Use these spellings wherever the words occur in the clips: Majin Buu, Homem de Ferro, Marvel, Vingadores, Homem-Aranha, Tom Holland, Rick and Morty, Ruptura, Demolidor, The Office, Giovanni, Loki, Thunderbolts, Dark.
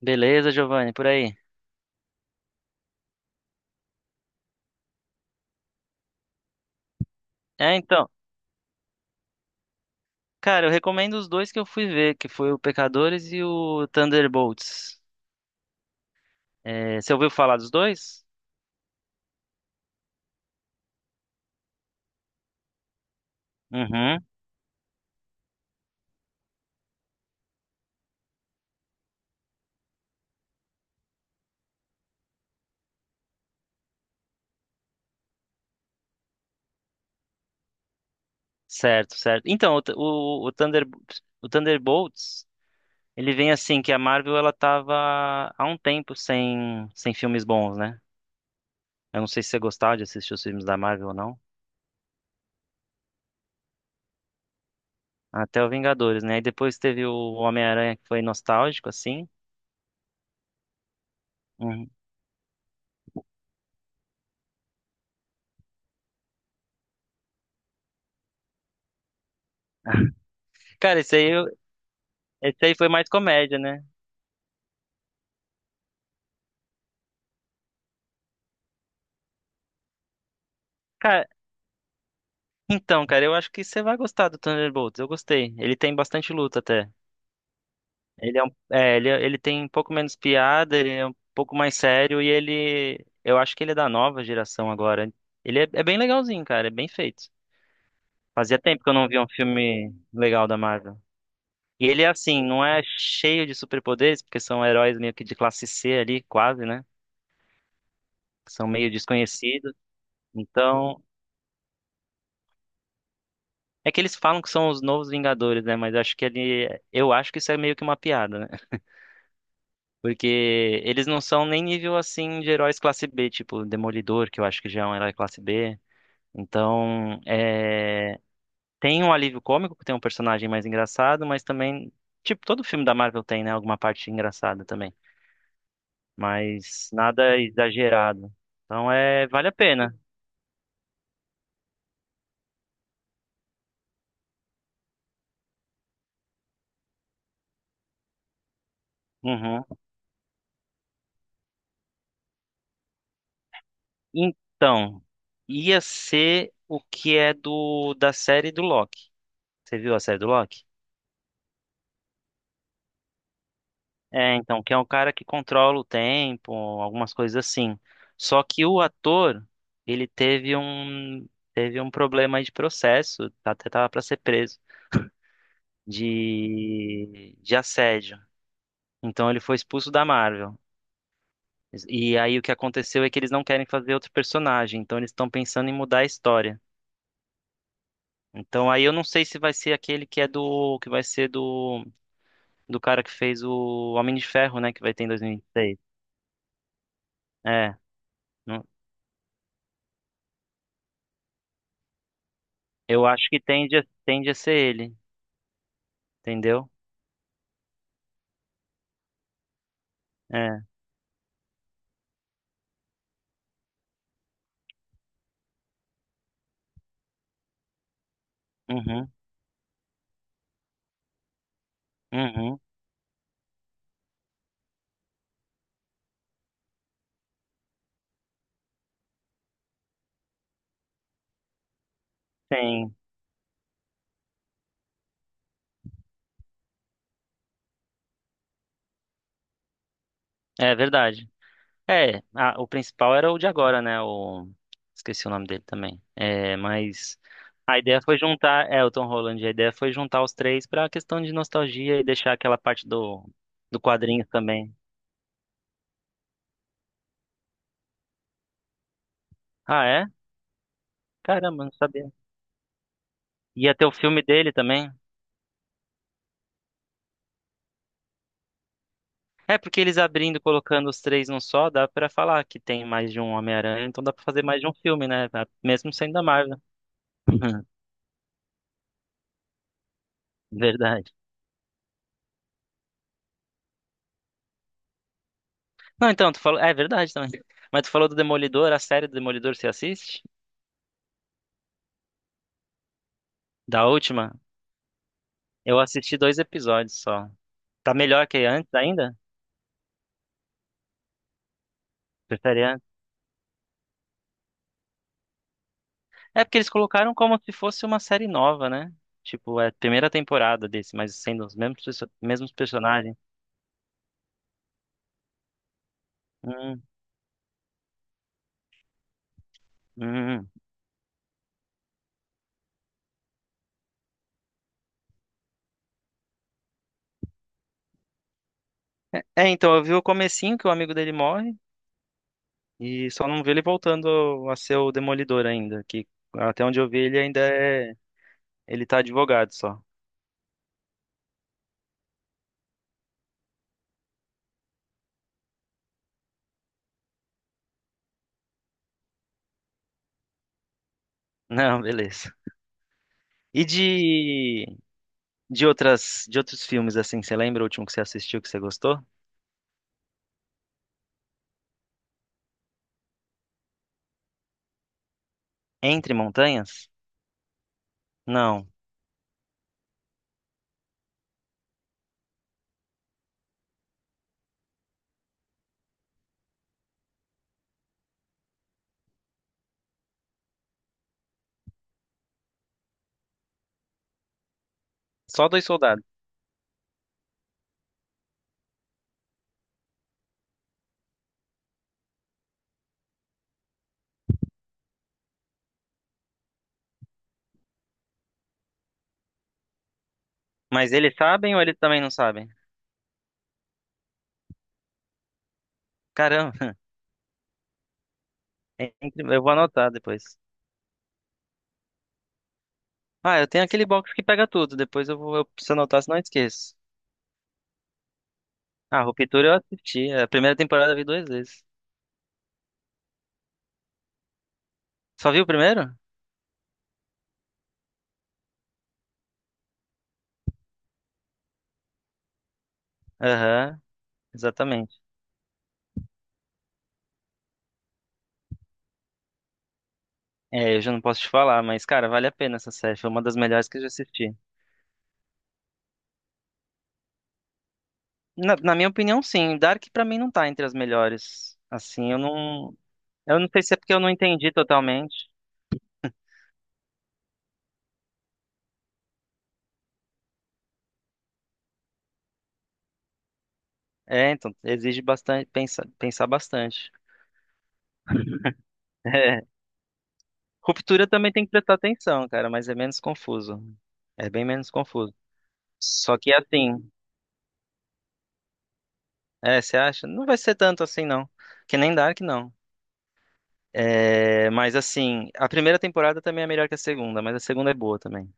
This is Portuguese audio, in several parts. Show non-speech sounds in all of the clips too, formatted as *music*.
Beleza, Giovanni, por aí. É, então, cara, eu recomendo os dois que eu fui ver, que foi o Pecadores e o Thunderbolts. É, você ouviu falar dos dois? Uhum, certo, certo. Então, o, Th- o Thunder, o Thunderbolts, ele vem assim, que a Marvel, ela tava há um tempo sem filmes bons, né? Eu não sei se você gostava de assistir os filmes da Marvel ou não. Até o Vingadores, né? E depois teve o Homem-Aranha, que foi nostálgico, assim. Uhum. Cara, esse aí foi mais comédia, né? Cara, então, cara, eu acho que você vai gostar do Thunderbolts. Eu gostei. Ele tem bastante luta até. Ele tem um pouco menos piada, ele é um pouco mais sério e ele, eu acho que ele é da nova geração agora. Ele é bem legalzinho, cara, é bem feito. Fazia tempo que eu não via um filme legal da Marvel. E ele é assim, não é cheio de superpoderes, porque são heróis meio que de classe C ali, quase, né? Que são meio desconhecidos. Então, é que eles falam que são os novos Vingadores, né? Mas eu acho que isso é meio que uma piada, né? Porque eles não são nem nível assim de heróis classe B, tipo Demolidor, que eu acho que já é um herói classe B. Então, tem um alívio cômico, que tem um personagem mais engraçado, mas também, tipo, todo filme da Marvel tem, né, alguma parte engraçada também, mas nada exagerado. Então, vale a pena. Uhum. Então, ia ser o que é do da série do Loki. Você viu a série do Loki? É, então, que é um cara que controla o tempo, algumas coisas assim. Só que o ator, ele teve um problema aí de processo, até tava para ser preso de assédio. Então ele foi expulso da Marvel. E aí o que aconteceu é que eles não querem fazer outro personagem, então eles estão pensando em mudar a história. Então aí eu não sei se vai ser aquele que vai ser do cara que fez o Homem de Ferro, né, que vai ter em 2026. É. Eu acho que tende a ser ele, entendeu? É. Uhum, uhum, sim. É verdade. É, o principal era o de agora, né? Esqueci o nome dele também. É, mas a ideia foi juntar, o Tom Holland, a ideia foi juntar os três pra questão de nostalgia e deixar aquela parte do quadrinho também. Ah, é? Caramba, não sabia. Ia ter o filme dele também? É, porque eles abrindo e colocando os três num só, dá pra falar que tem mais de um Homem-Aranha, então dá pra fazer mais de um filme, né? Mesmo sendo da Marvel. *laughs* Uhum, verdade. Não, então, tu falou. É verdade também. Mas tu falou do Demolidor, a série do Demolidor você assiste? Da última? Eu assisti dois episódios só. Tá melhor que antes ainda? Prefere antes? É porque eles colocaram como se fosse uma série nova, né? Tipo, é a primeira temporada desse, mas sendo mesmos personagens. Hum, hum. É, então, eu vi o comecinho que o amigo dele morre e só não vi ele voltando a ser o Demolidor ainda, que até onde eu vi ele ainda é. Ele tá advogado só. *laughs* Não, beleza. E de outros filmes, assim, você lembra o último que você assistiu que você gostou? Entre Montanhas? Não. Só dois soldados. Mas eles sabem ou eles também não sabem? Caramba, *laughs* eu vou anotar depois. Ah, eu tenho aquele box que pega tudo. Depois eu preciso anotar, senão eu esqueço. Ah, Ruptura eu assisti. A primeira temporada eu vi duas vezes. Só viu o primeiro? Aham, exatamente. É, eu já não posso te falar, mas, cara, vale a pena essa série. Foi uma das melhores que eu já assisti. Na minha opinião, sim. Dark pra mim não tá entre as melhores. Assim, eu não sei se é porque eu não entendi totalmente. É, então exige bastante pensar, pensar bastante. *laughs* É. Ruptura também tem que prestar atenção, cara, mas é menos confuso. É bem menos confuso. Só que assim, você acha? Não vai ser tanto assim, não. Que nem Dark, não. É, mas assim, a primeira temporada também é melhor que a segunda, mas a segunda é boa também.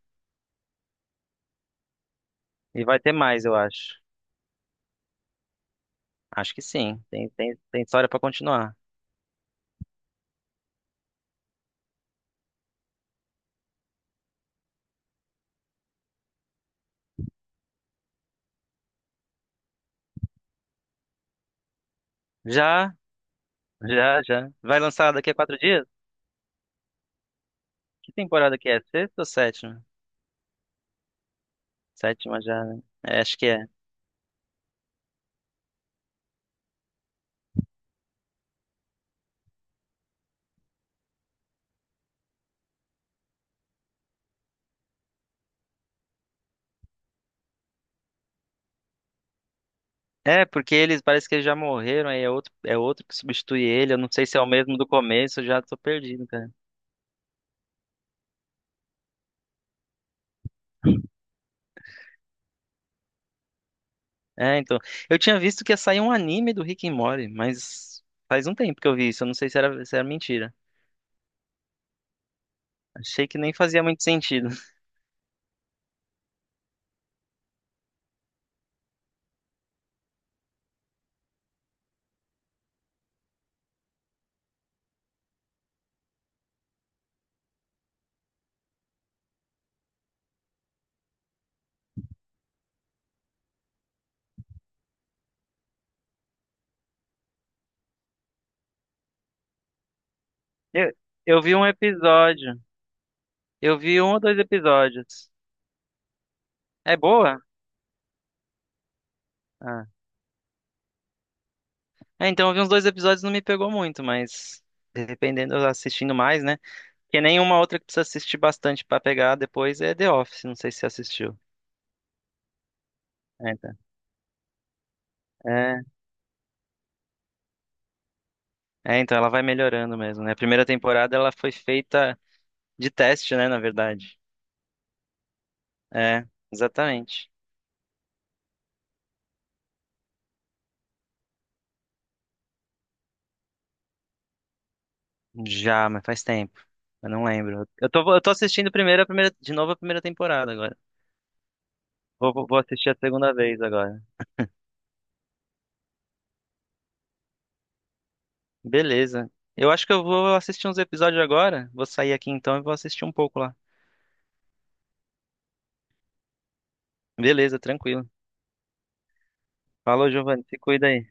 E vai ter mais, eu acho. Acho que sim. Tem história pra continuar. Já. Já, já. Vai lançar daqui a 4 dias? Que temporada que é? Sexta ou sétima? Sétima já, né? É, acho que é. É, porque eles parece que eles já morreram, aí é outro que substitui ele. Eu não sei se é o mesmo do começo, eu já tô perdido, cara. É, então. Eu tinha visto que ia sair um anime do Rick and Morty, mas faz um tempo que eu vi isso. Eu não sei se era, mentira. Achei que nem fazia muito sentido. *laughs* Eu, eu vi um episódio. Eu vi um ou dois episódios. É boa? Ah. É, então eu vi uns dois episódios, não me pegou muito, mas dependendo, eu assistindo mais, né? Porque nenhuma outra que precisa assistir bastante pra pegar depois é The Office, não sei se você assistiu. É, então. É, então ela vai melhorando mesmo, né? A primeira temporada ela foi feita de teste, né, na verdade. É, exatamente. Já, mas faz tempo. Eu não lembro. Eu tô assistindo primeiro a primeira, de novo a primeira temporada agora. Vou assistir a segunda vez agora. Beleza. Eu acho que eu vou assistir uns episódios agora. Vou sair aqui então e vou assistir um pouco lá. Beleza, tranquilo. Falou, Giovanni. Se cuida aí.